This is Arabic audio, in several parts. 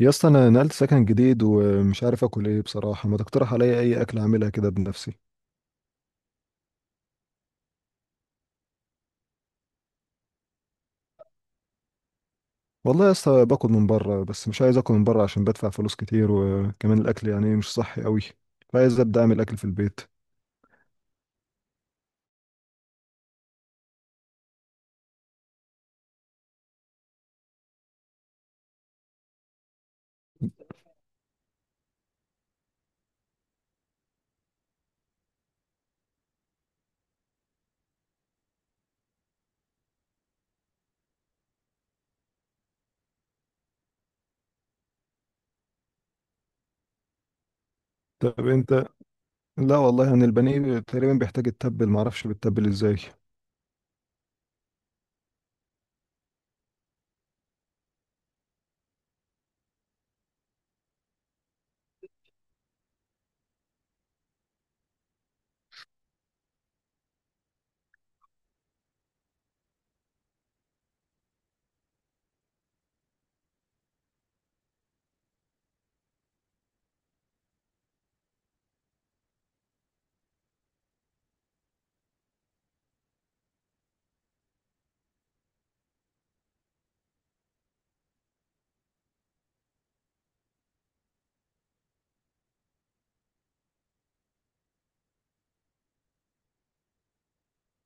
يا اسطى، انا نقلت سكن جديد ومش عارف اكل ايه بصراحه. ما تقترح عليا اي اكل اعملها كده بنفسي؟ والله يا اسطى، باكل من بره، بس مش عايز اكل من بره عشان بدفع فلوس كتير، وكمان الاكل يعني مش صحي قوي. فعايز ابدا اعمل اكل في البيت. طب انت. لا والله، يعني البانيه تقريبا بيحتاج يتبل، ما اعرفش بيتبل ازاي.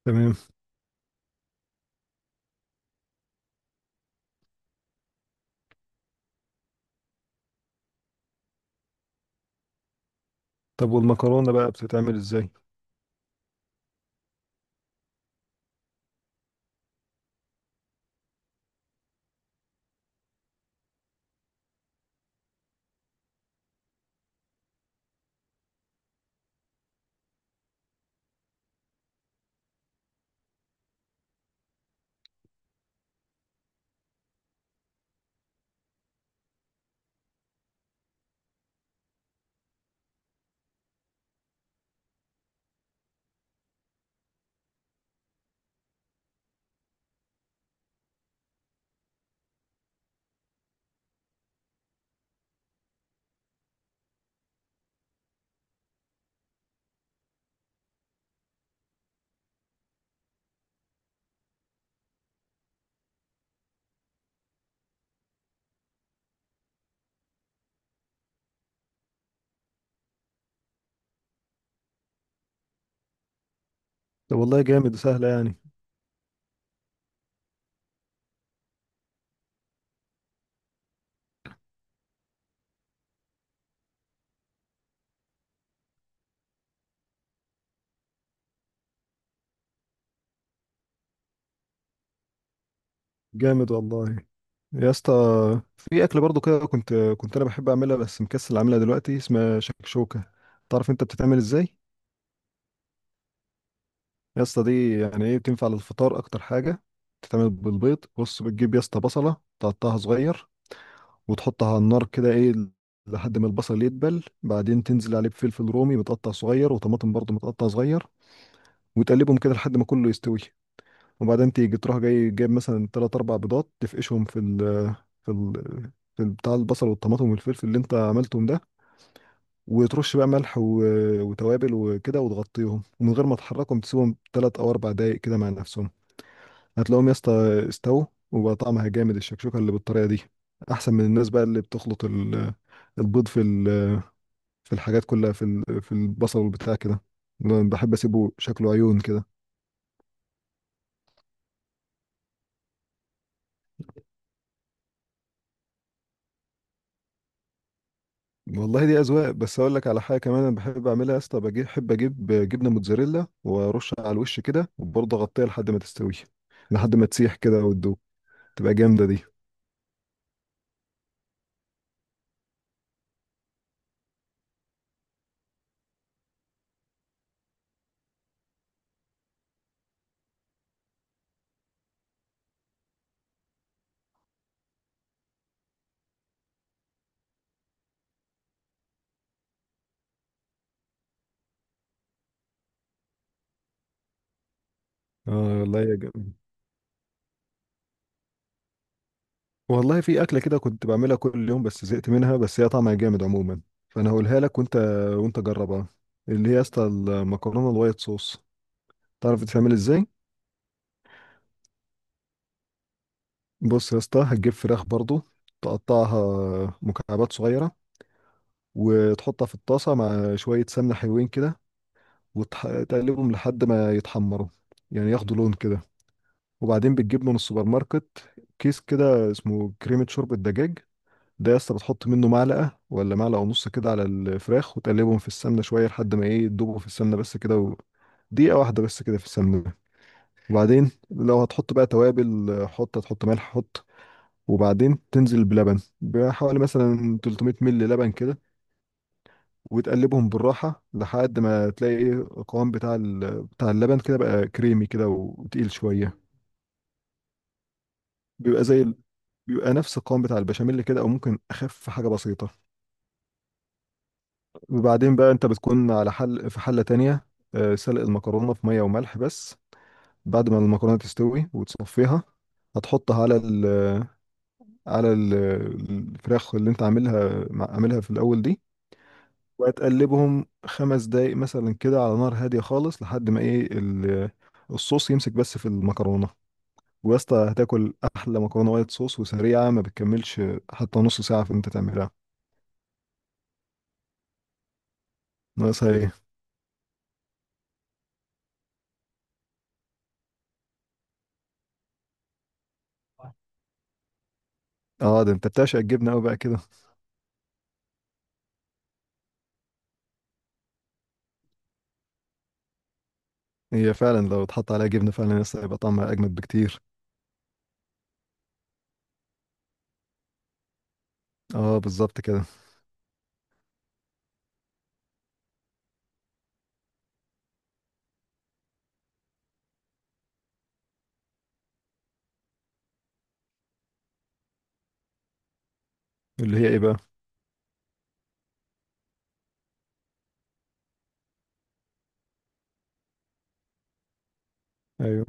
تمام. طب والمكرونه بقى بتتعمل ازاي؟ طب والله جامد، سهله يعني. جامد والله يا اسطى. في اكل برضو كده كنت انا بحب اعملها، بس مكسل اعملها دلوقتي، اسمها شكشوكه. تعرف انت بتتعمل ازاي؟ يا اسطى دي يعني ايه، بتنفع للفطار اكتر حاجه. بتتعمل بالبيض. بص، بتجيب يا اسطى بصله، تقطعها صغير وتحطها على النار كده، ايه، لحد ما البصل يدبل. بعدين تنزل عليه بفلفل رومي متقطع صغير وطماطم برضو متقطع صغير، وتقلبهم كده لحد ما كله يستوي. وبعدين تيجي تروح جاي جايب مثلا تلات أربع بيضات، تفقشهم في ال في بتاع البصل والطماطم والفلفل اللي انت عملتهم ده. وترش بقى ملح وتوابل وكده، وتغطيهم ومن غير ما تحركهم تسيبهم تلات أو أربع دقايق كده مع نفسهم. هتلاقيهم يا اسطى استووا، وبقى طعمها جامد، الشكشوكة اللي بالطريقة دي. أحسن من الناس بقى اللي بتخلط البيض في الحاجات كلها، في البصل والبتاع كده. أنا بحب أسيبه شكله عيون كده. والله دي اذواق. بس اقول لك على حاجه كمان انا بحب اعملها يا اسطى، بجيب، بحب اجيب جبنه موتزاريلا وارشها على الوش كده، وبرضه اغطيها لحد ما تستوي، لحد ما تسيح كده وتدوب، تبقى جامده دي. اه والله يا جامد. والله في اكله كده كنت بعملها كل يوم بس زهقت منها، بس هي طعمها جامد عموما. فانا هقولها لك وانت جربها. اللي هي يا اسطى المكرونه الوايت صوص. تعرف تتعمل ازاي؟ بص يا اسطى، هتجيب فراخ برضه، تقطعها مكعبات صغيره، وتحطها في الطاسه مع شويه سمنه حلوين كده، وتقلبهم لحد ما يتحمروا، يعني ياخدوا لون كده. وبعدين بتجيب من السوبر ماركت كيس كده اسمه كريمة شوربة دجاج. ده يا اسطى بتحط منه معلقة ولا معلقة ونص كده على الفراخ، وتقلبهم في السمنة شوية لحد ما ايه، يدوبوا في السمنة بس كده، دقيقة واحدة بس كده في السمنة. وبعدين لو هتحط بقى توابل، هتحط ملح حط. وبعدين تنزل بلبن بحوالي مثلا 300 مل لبن كده، وتقلبهم بالراحة لحد ما تلاقي ايه، القوام بتاع اللبن كده بقى كريمي كده وتقيل شوية. بيبقى زي ال... بيبقى نفس القوام بتاع البشاميل كده، او ممكن اخف حاجة بسيطة. وبعدين بقى انت بتكون على حل في حلة تانية، سلق المكرونة في مية وملح بس. بعد ما المكرونة تستوي وتصفيها، هتحطها على الفراخ اللي انت عاملها عاملها في الاول دي. وهتقلبهم خمس دقايق مثلا كده على نار هادية خالص لحد ما ايه الصوص يمسك بس في المكرونة. ويا اسطى هتاكل أحلى مكرونة وايت صوص، وسريعة ما بتكملش حتى نص ساعة في انت تعملها. ناقصها ايه؟ اه، ده انت بتعشق الجبنة أوي بقى كده. هي فعلا لو اتحط عليها جبنة فعلا لسه هيبقى طعمها أجمد بكتير. اه، بالظبط كده. اللي هي ايه بقى؟ ايوه.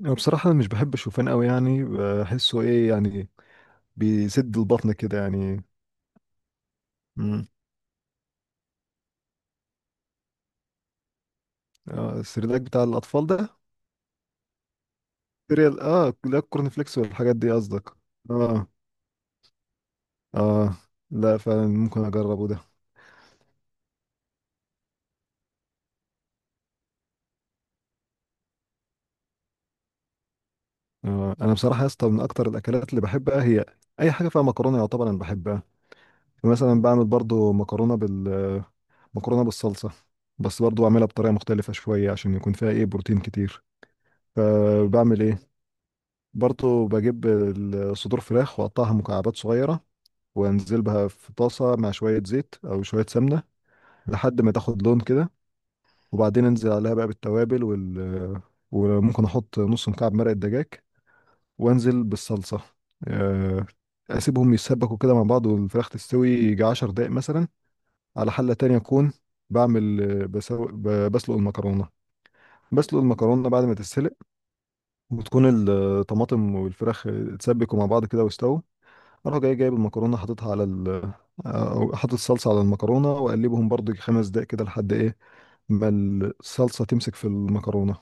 أنا بصراحة مش بحب الشوفان أوي، يعني بحسه ايه يعني، بيسد البطن كده يعني. امم آه، السردك بتاع الأطفال ده. سيريال، اه لا، الكورن فليكس والحاجات دي قصدك. اه. اه، لا فعلا ممكن اجربه ده. آه. انا بصراحه يا اسطى من اكتر الاكلات اللي بحبها، هي اي حاجه فيها مكرونه يعتبر انا بحبها. مثلا بعمل برضو مكرونه بالصلصه، بس برضو بعملها بطريقه مختلفه شويه عشان يكون فيها ايه، بروتين كتير. فبعمل ايه، برضو بجيب صدور فراخ واقطعها مكعبات صغيره، وانزل بها في طاسه مع شويه زيت او شويه سمنه لحد ما تاخد لون كده. وبعدين انزل عليها بقى بالتوابل وال وممكن احط نص مكعب مرقه دجاج، وانزل بالصلصه. آه، اسيبهم يتسبكوا كده مع بعض والفراخ تستوي يجي 10 دقايق مثلا. على حله تانية اكون بعمل بسلق المكرونه. بسلق المكرونه، بعد ما تتسلق وتكون الطماطم والفراخ اتسبكوا مع بعض كده واستووا، اروح جاي جايب المكرونه حاططها أو حاطط الصلصه على المكرونه، واقلبهم برضو خمس دقايق كده لحد ايه ما الصلصه تمسك في المكرونه.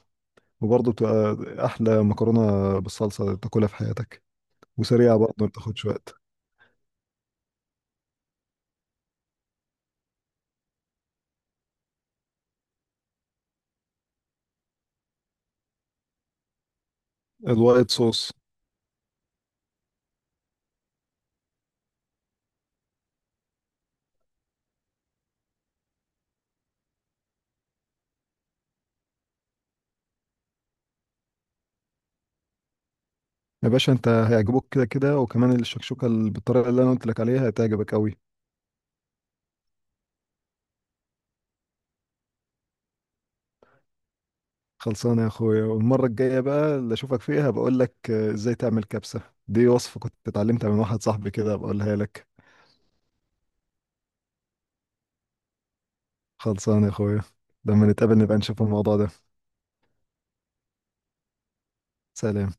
وبرضه بتبقى احلى مكرونه بالصلصه تاكلها في حياتك، وسريعه برضه ما بتاخدش وقت. الوايت صوص. يا باشا انت هيعجبوك كده كده، وكمان الشكشوكه اللي بالطريقه اللي انا قلت لك عليها هتعجبك قوي. خلصانه يا اخويا، والمره الجايه بقى اللي اشوفك فيها بقول لك ازاي تعمل كبسه. دي وصفه كنت اتعلمتها من واحد صاحبي كده، بقولها لك. خلصانه يا اخويا، لما نتقابل نبقى نشوف الموضوع ده. سلام.